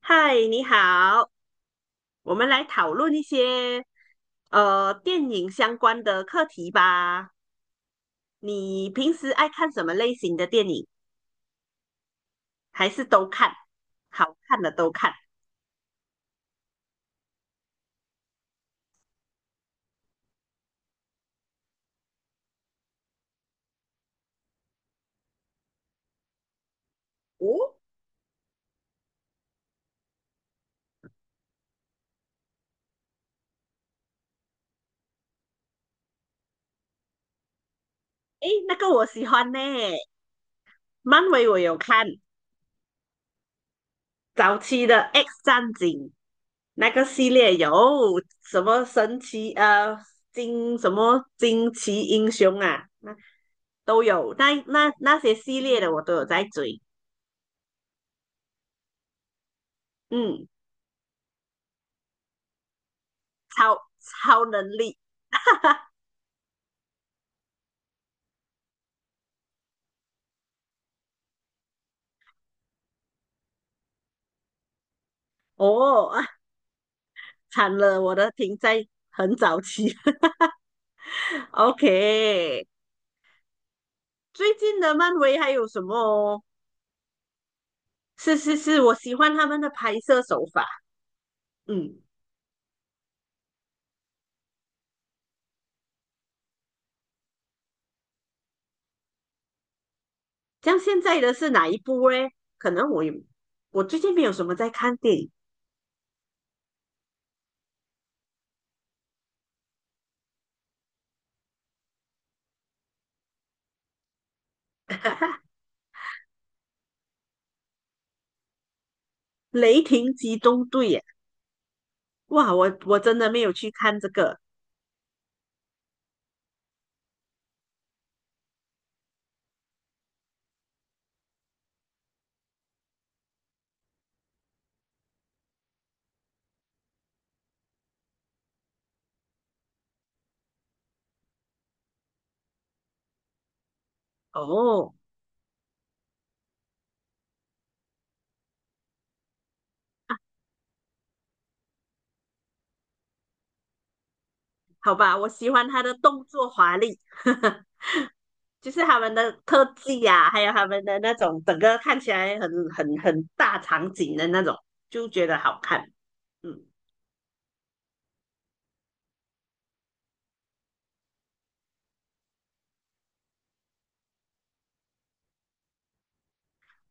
嗨，你好，我们来讨论一些电影相关的课题吧。你平时爱看什么类型的电影？还是都看？好看的都看。哦，诶，那个我喜欢呢，漫威我有看，早期的《X 战警》那个系列有什么惊奇英雄啊，那都有，那些系列的我都有在追。嗯。超超能力哦啊，惨了，我的停在很早期。OK，最近的漫威还有什么？是是是，我喜欢他们的拍摄手法。嗯，像现在的是哪一部嘞？可能我最近没有什么在看电影，《雷霆机动队》耶。哇，我真的没有去看这个哦。好吧，我喜欢他的动作华丽。就是他们的特技啊，还有他们的那种整个看起来很大场景的那种，就觉得好看。嗯，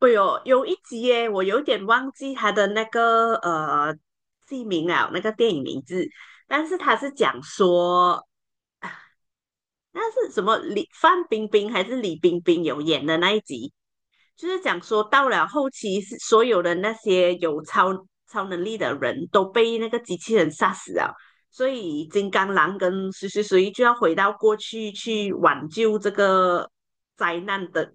哎呦，有一集耶，我有点忘记他的那个剧名了，那个电影名字，但是他是讲说，啊那是什么范冰冰还是李冰冰有演的那一集，就是讲说，到了后期，是所有的那些有超能力的人都被那个机器人杀死了，所以金刚狼跟谁谁谁就要回到过去去挽救这个灾难的，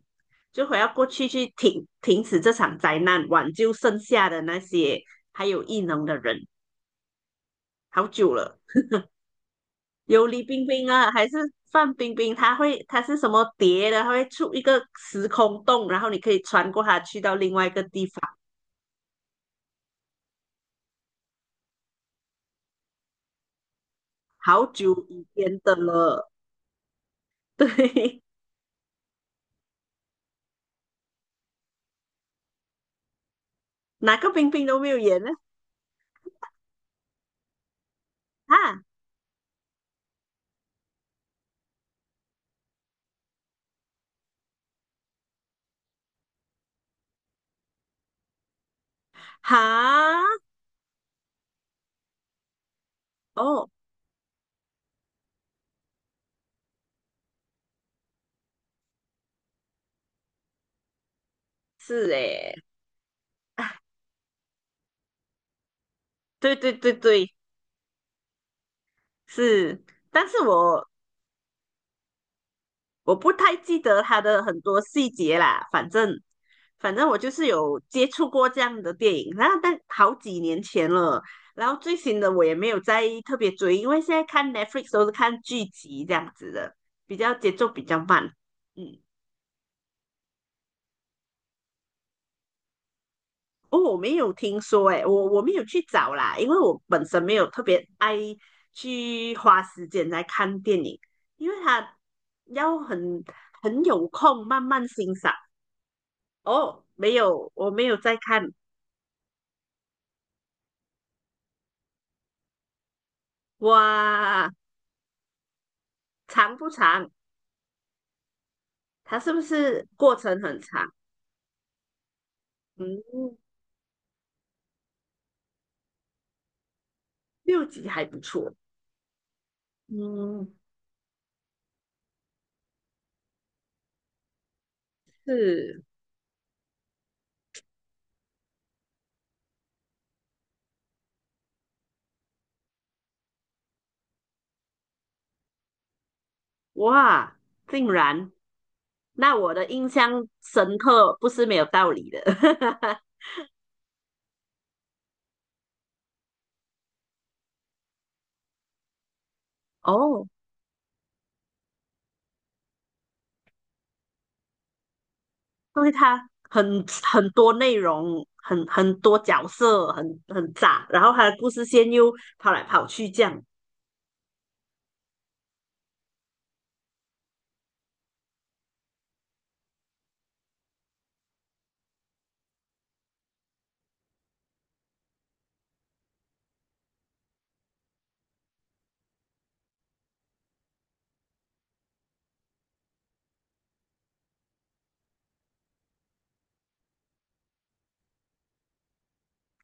就回到过去去停止这场灾难，挽救剩下的那些还有异能的人。好久了，有李冰冰啊，还是范冰冰？她是什么蝶的？她会出一个时空洞，然后你可以穿过它去到另外一个地方。好久以前的了，对，哪个冰冰都没有演呢？啊哈，哦，是诶，对对对对，是，但是我不太记得他的很多细节啦，反正我就是有接触过这样的电影，然后但好几年前了，然后最新的我也没有再特别追，因为现在看 Netflix 都是看剧集这样子的，比较节奏比较慢，嗯。哦，我没有听说诶，我没有去找啦，因为我本身没有特别爱去花时间来看电影，因为它要很有空慢慢欣赏。哦，没有，我没有在看。哇，长不长？它是不是过程很长？嗯，6集还不错。嗯，是哇，竟然，那我的印象深刻不是没有道理的。哦，对他很很多内容，很多角色，很杂，然后他的故事线又跑来跑去这样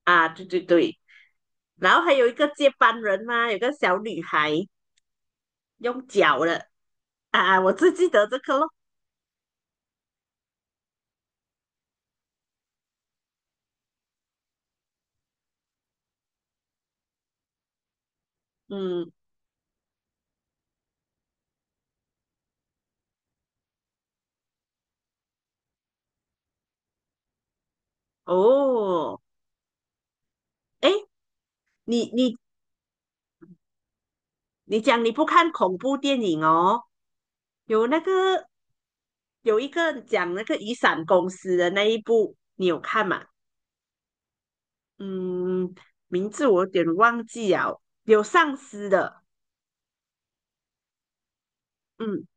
啊，对对对，然后还有一个接班人嘛，有个小女孩用脚的啊，我只记得这个咯，嗯，哦，诶，你你你讲你不看恐怖电影哦，有那个有一个讲那个雨伞公司的那一部，你有看吗？嗯，名字我有点忘记了，有丧尸的，嗯，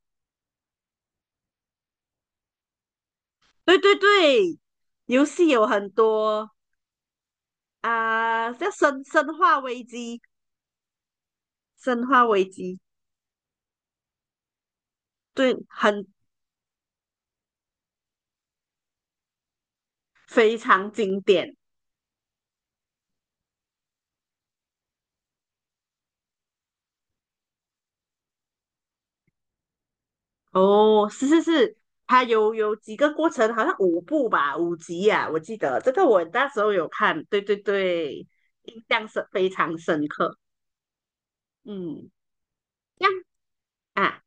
对对对，游戏有很多啊，叫生化危机，生化危机，对，非常经典哦，是是是，它有几个过程，好像5部吧，5集呀、我记得这个我那时候有看，对对对，印象非常深刻，嗯，这样啊。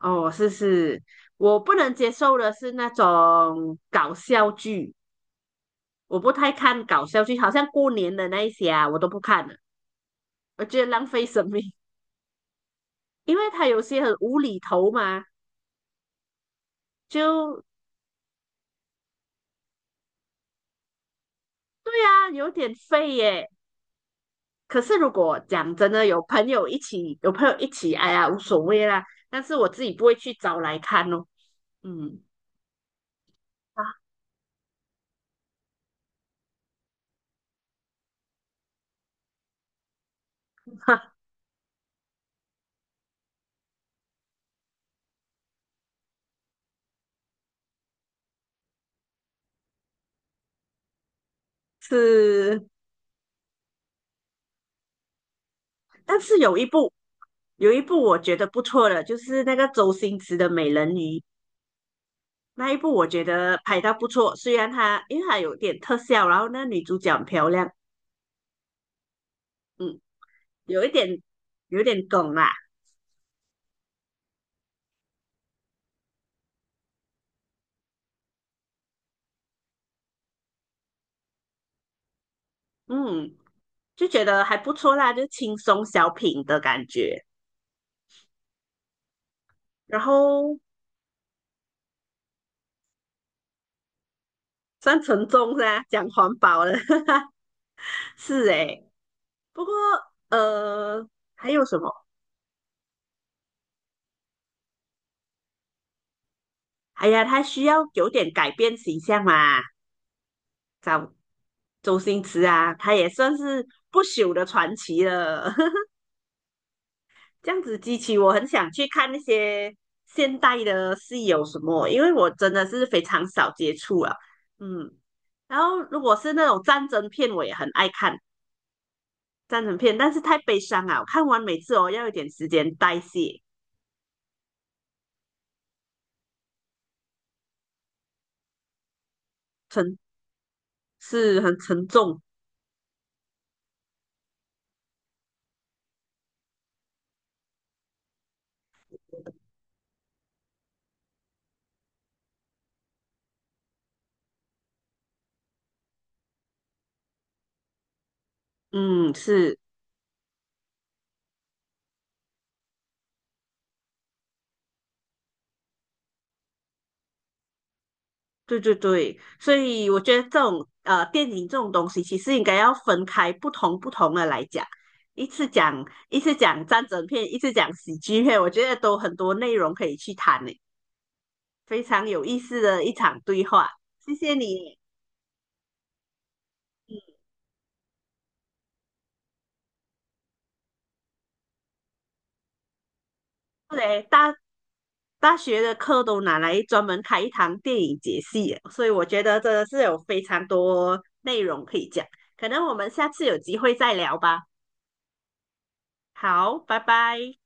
哦，是是，我不能接受的是那种搞笑剧，我不太看搞笑剧，好像过年的那一些啊，我都不看了，我觉得浪费生命，因为他有些很无厘头嘛，就对啊，有点废耶。可是如果讲真的，有朋友一起，有朋友一起，哎呀，无所谓啦。但是我自己不会去找来看哦，嗯，是。但是有一部我觉得不错的，就是那个周星驰的《美人鱼》那一部，我觉得拍到不错。虽然它因为它有点特效，然后那女主角很漂亮，嗯，有一点有一点梗啦，嗯，就觉得还不错啦，就轻松小品的感觉。然后算沉重是啊，讲环保了，是诶。不过呃，还有什么？哎呀，他需要有点改变形象嘛，找周星驰啊，他也算是不朽的传奇了。这样子激起我很想去看那些现代的戏有什么，因为我真的是非常少接触啊。嗯，然后如果是那种战争片，我也很爱看战争片，但是太悲伤啊，我看完每次哦要一点时间代谢，是很沉重。嗯，是。对对对，所以我觉得这种电影这种东西，其实应该要分开不同的来讲，一次讲一次讲战争片，一次讲喜剧片，我觉得都很多内容可以去谈呢，非常有意思的一场对话。谢谢你，对，大学的课都拿来专门开一堂电影解析了，所以我觉得真的是有非常多内容可以讲，可能我们下次有机会再聊吧。好，拜拜。